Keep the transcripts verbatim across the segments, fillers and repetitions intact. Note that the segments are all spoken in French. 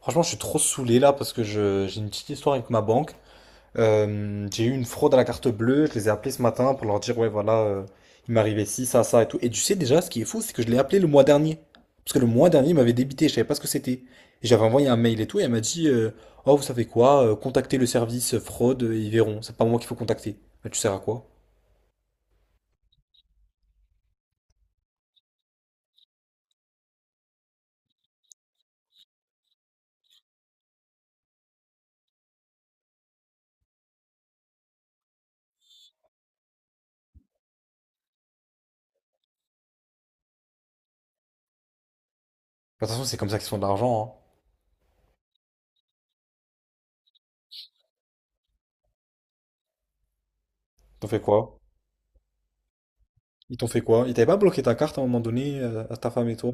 Franchement, je suis trop saoulé là parce que je, j'ai une petite histoire avec ma banque. Euh, j'ai eu une fraude à la carte bleue. Je les ai appelés ce matin pour leur dire, ouais, voilà, euh, il m'arrivait ci, ça, ça et tout. Et tu sais déjà, ce qui est fou, c'est que je l'ai appelé le mois dernier. Parce que le mois dernier, il m'avait débité, je savais pas ce que c'était. Et j'avais envoyé un mail et tout, et elle m'a dit, euh, oh, vous savez quoi, euh, contactez le service fraude, euh, ils verront. C'est pas moi qu'il faut contacter. Mais tu sers à quoi? De toute façon, c'est comme ça qu'ils font de l'argent, hein. Ils t'ont fait quoi? Ils t'ont fait quoi? Ils t'avaient pas bloqué ta carte à un moment donné, euh, à ta femme et toi?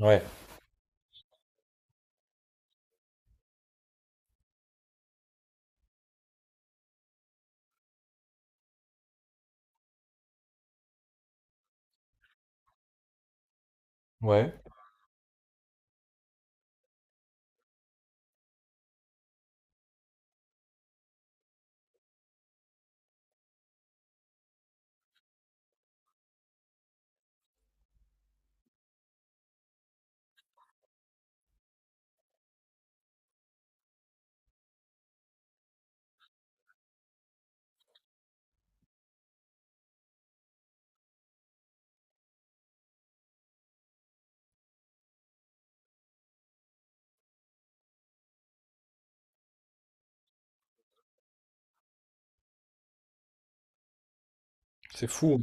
Ouais, ouais. C'est fou.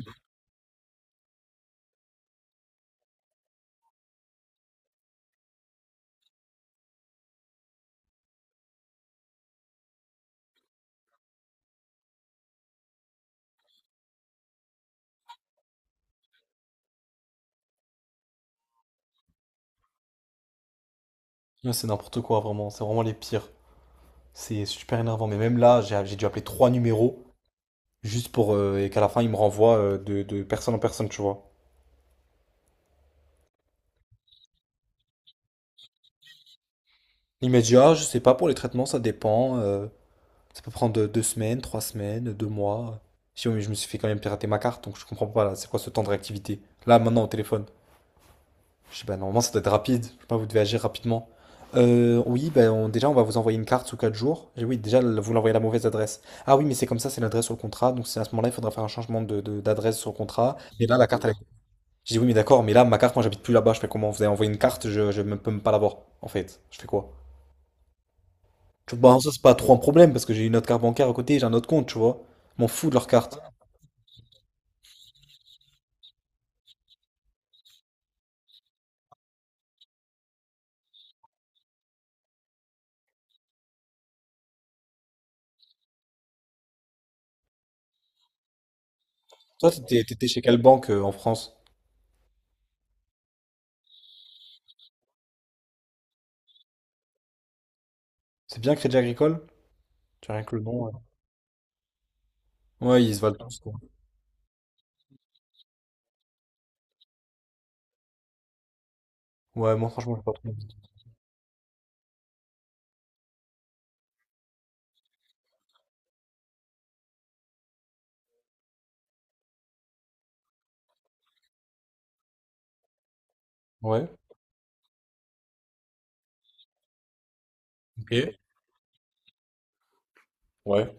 Ouais, c'est n'importe quoi, vraiment. C'est vraiment les pires. C'est super énervant. Mais même là, j'ai j'ai dû appeler trois numéros juste pour. euh, et qu'à la fin, ils me renvoient euh, de, de personne en personne, tu vois. Il m'a dit, ah, je sais pas, pour les traitements, ça dépend. euh, ça peut prendre deux, deux semaines, trois semaines, deux mois. Je dis, oui, mais je me suis fait quand même pirater ma carte, donc je comprends pas là. C'est quoi ce temps de réactivité? Là, maintenant, au téléphone. Je sais pas, normalement ça doit être rapide. Je sais pas, vous devez agir rapidement. Euh, oui, ben, on- déjà on va vous envoyer une carte sous quatre jours. Et oui, déjà vous l'envoyez à la mauvaise adresse. Ah oui, mais c'est comme ça, c'est l'adresse sur le contrat. Donc c'est à ce moment-là, il faudra faire un changement de, de- d'adresse sur le contrat. Et là, la carte, elle... Je dis oui, mais d'accord, mais là, ma carte, moi j'habite plus là-bas. Je fais comment? Vous avez envoyé une carte, je, je me- peux même pas l'avoir, en fait. Je fais quoi? Tu vois, bah, ça c'est pas trop un problème parce que j'ai une autre carte bancaire à côté, j'ai un autre compte, tu vois. Je m'en fous de leur carte. Toi, t'étais, t'étais chez quelle banque euh, en France? C'est bien Crédit Agricole? Tu as rien que le nom. Ouais, ouais ils se valent tous, quoi. Ouais, moi franchement, j'ai pas trop. Ouais, ok, ouais,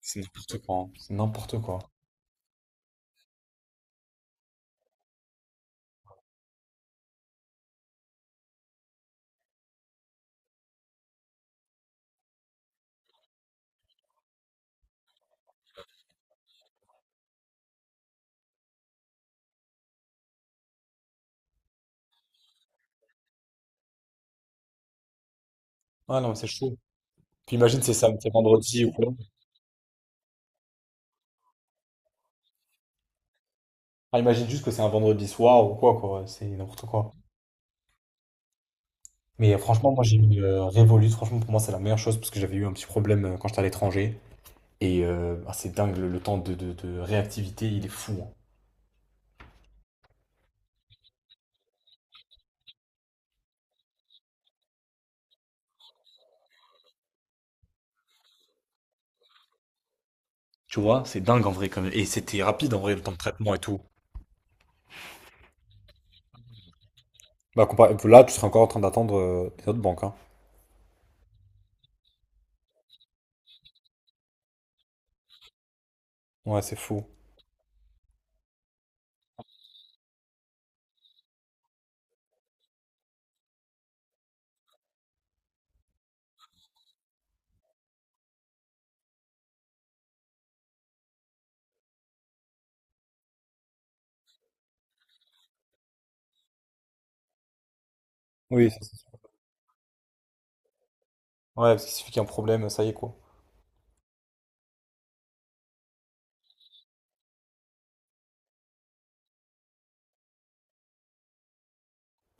c'est n'importe quoi, hein. C'est n'importe quoi. Ah non, mais c'est chaud. Puis imagine c'est samedi, c'est vendredi ou quoi. Ah, imagine juste que c'est un vendredi soir ou quoi, quoi, c'est n'importe quoi. Mais euh, franchement, moi j'ai eu euh, Revolut, franchement pour moi c'est la meilleure chose parce que j'avais eu un petit problème euh, quand j'étais à l'étranger. Et euh, ah, c'est dingue, le, le temps de, de- de réactivité, il est fou, hein. Tu vois, c'est dingue en vrai quand même. Et c'était rapide en vrai, le temps de traitement et tout. Bah, comparé- là, tu serais encore en train d'attendre euh, les autres banques, hein. Ouais, c'est fou. Oui, ça, c'est sûr. Ouais, parce qu'il suffit qu'il y ait un problème, ça y est, quoi.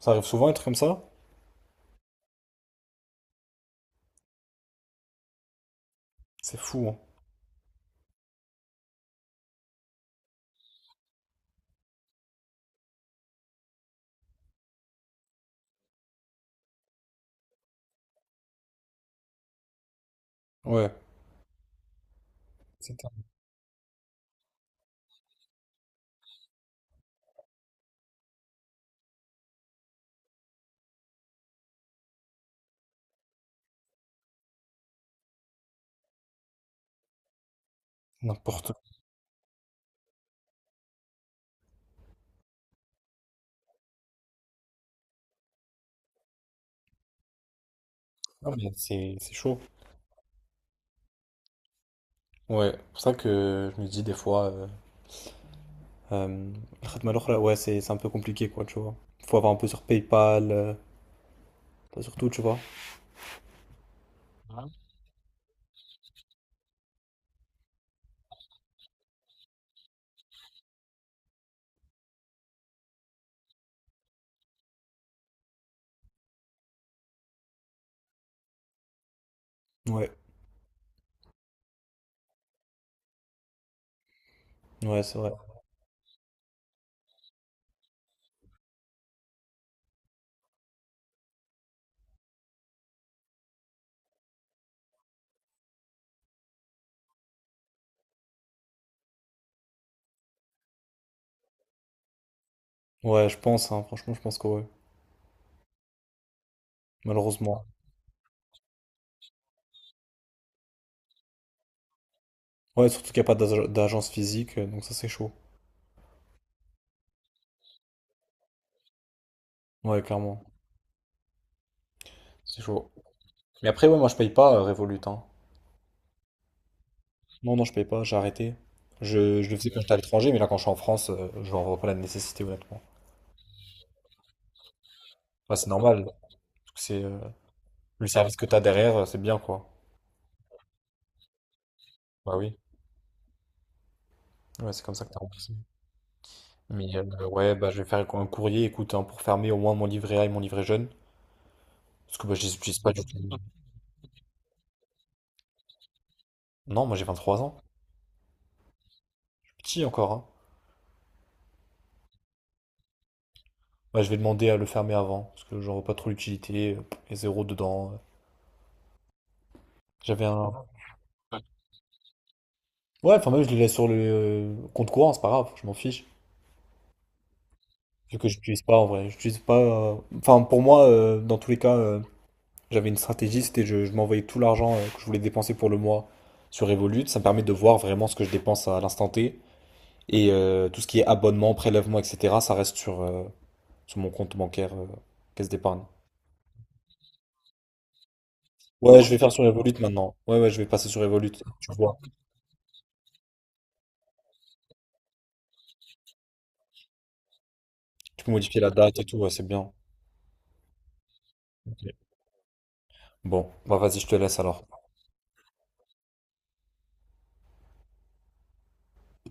Ça arrive souvent, un truc comme ça? C'est fou, hein. Ouais, c'est n'importe quoi. Non, mais c'est c'est chaud. Ouais, c'est pour ça que je me dis des fois, euh, euh, le khatm al-akhra, ouais, c'est c'est un peu compliqué, quoi, tu vois. Faut avoir un peu sur PayPal, euh, pas sur tout, tu vois. Ouais, ouais, c'est vrai. Ouais, je pense, hein, franchement, je pense que ouais, malheureusement. Ouais, surtout qu'il n'y a pas d'ag- d'agence physique, euh, donc ça, c'est chaud. Ouais, clairement, c'est chaud. Mais après, ouais, moi, je paye pas euh, Revolut, hein. Non, non, je paye pas, j'ai arrêté. Je, je le faisais quand j'étais à l'étranger, mais là, quand je suis en France, euh, je n'en vois pas la nécessité, honnêtement. Enfin, c'est normal. C'est euh, le service que tu as derrière, euh, c'est bien quoi. Bah oui, ouais, c'est comme ça que tu as remboursé. Mais euh, ouais, bah je vais faire un courrier, écoute, hein, pour fermer au moins mon livret A et mon livret jeune. Parce que bah, je les utilise pas du tout. Non, moi j'ai vingt trois ans. Je suis petit encore, hein. Bah, je vais demander à le fermer avant, parce que j'en vois pas trop l'utilité. euh, pff, il y a zéro dedans. euh. J'avais un. Ouais, enfin même je les laisse sur le euh, compte courant, c'est pas grave, je m'en fiche. Vu que j'utilise pas en vrai. J'utilise pas. euh, Enfin pour moi, euh, dans tous les cas. euh, J'avais une stratégie, c'était je, je m'envoyais tout l'argent euh, que je voulais dépenser pour le mois sur Revolut. Ça me permet de voir vraiment ce que je dépense à l'instant T. Et euh, tout ce qui est abonnement, prélèvement, et cetera, ça reste sur, euh, sur mon compte bancaire, euh, caisse d'épargne. Ouais, je vais faire sur Revolut maintenant. Ouais, ouais, je vais passer sur Revolut. Tu vois, tu peux modifier la date et tout, ouais, c'est bien. Bon, bah vas-y, je te laisse alors.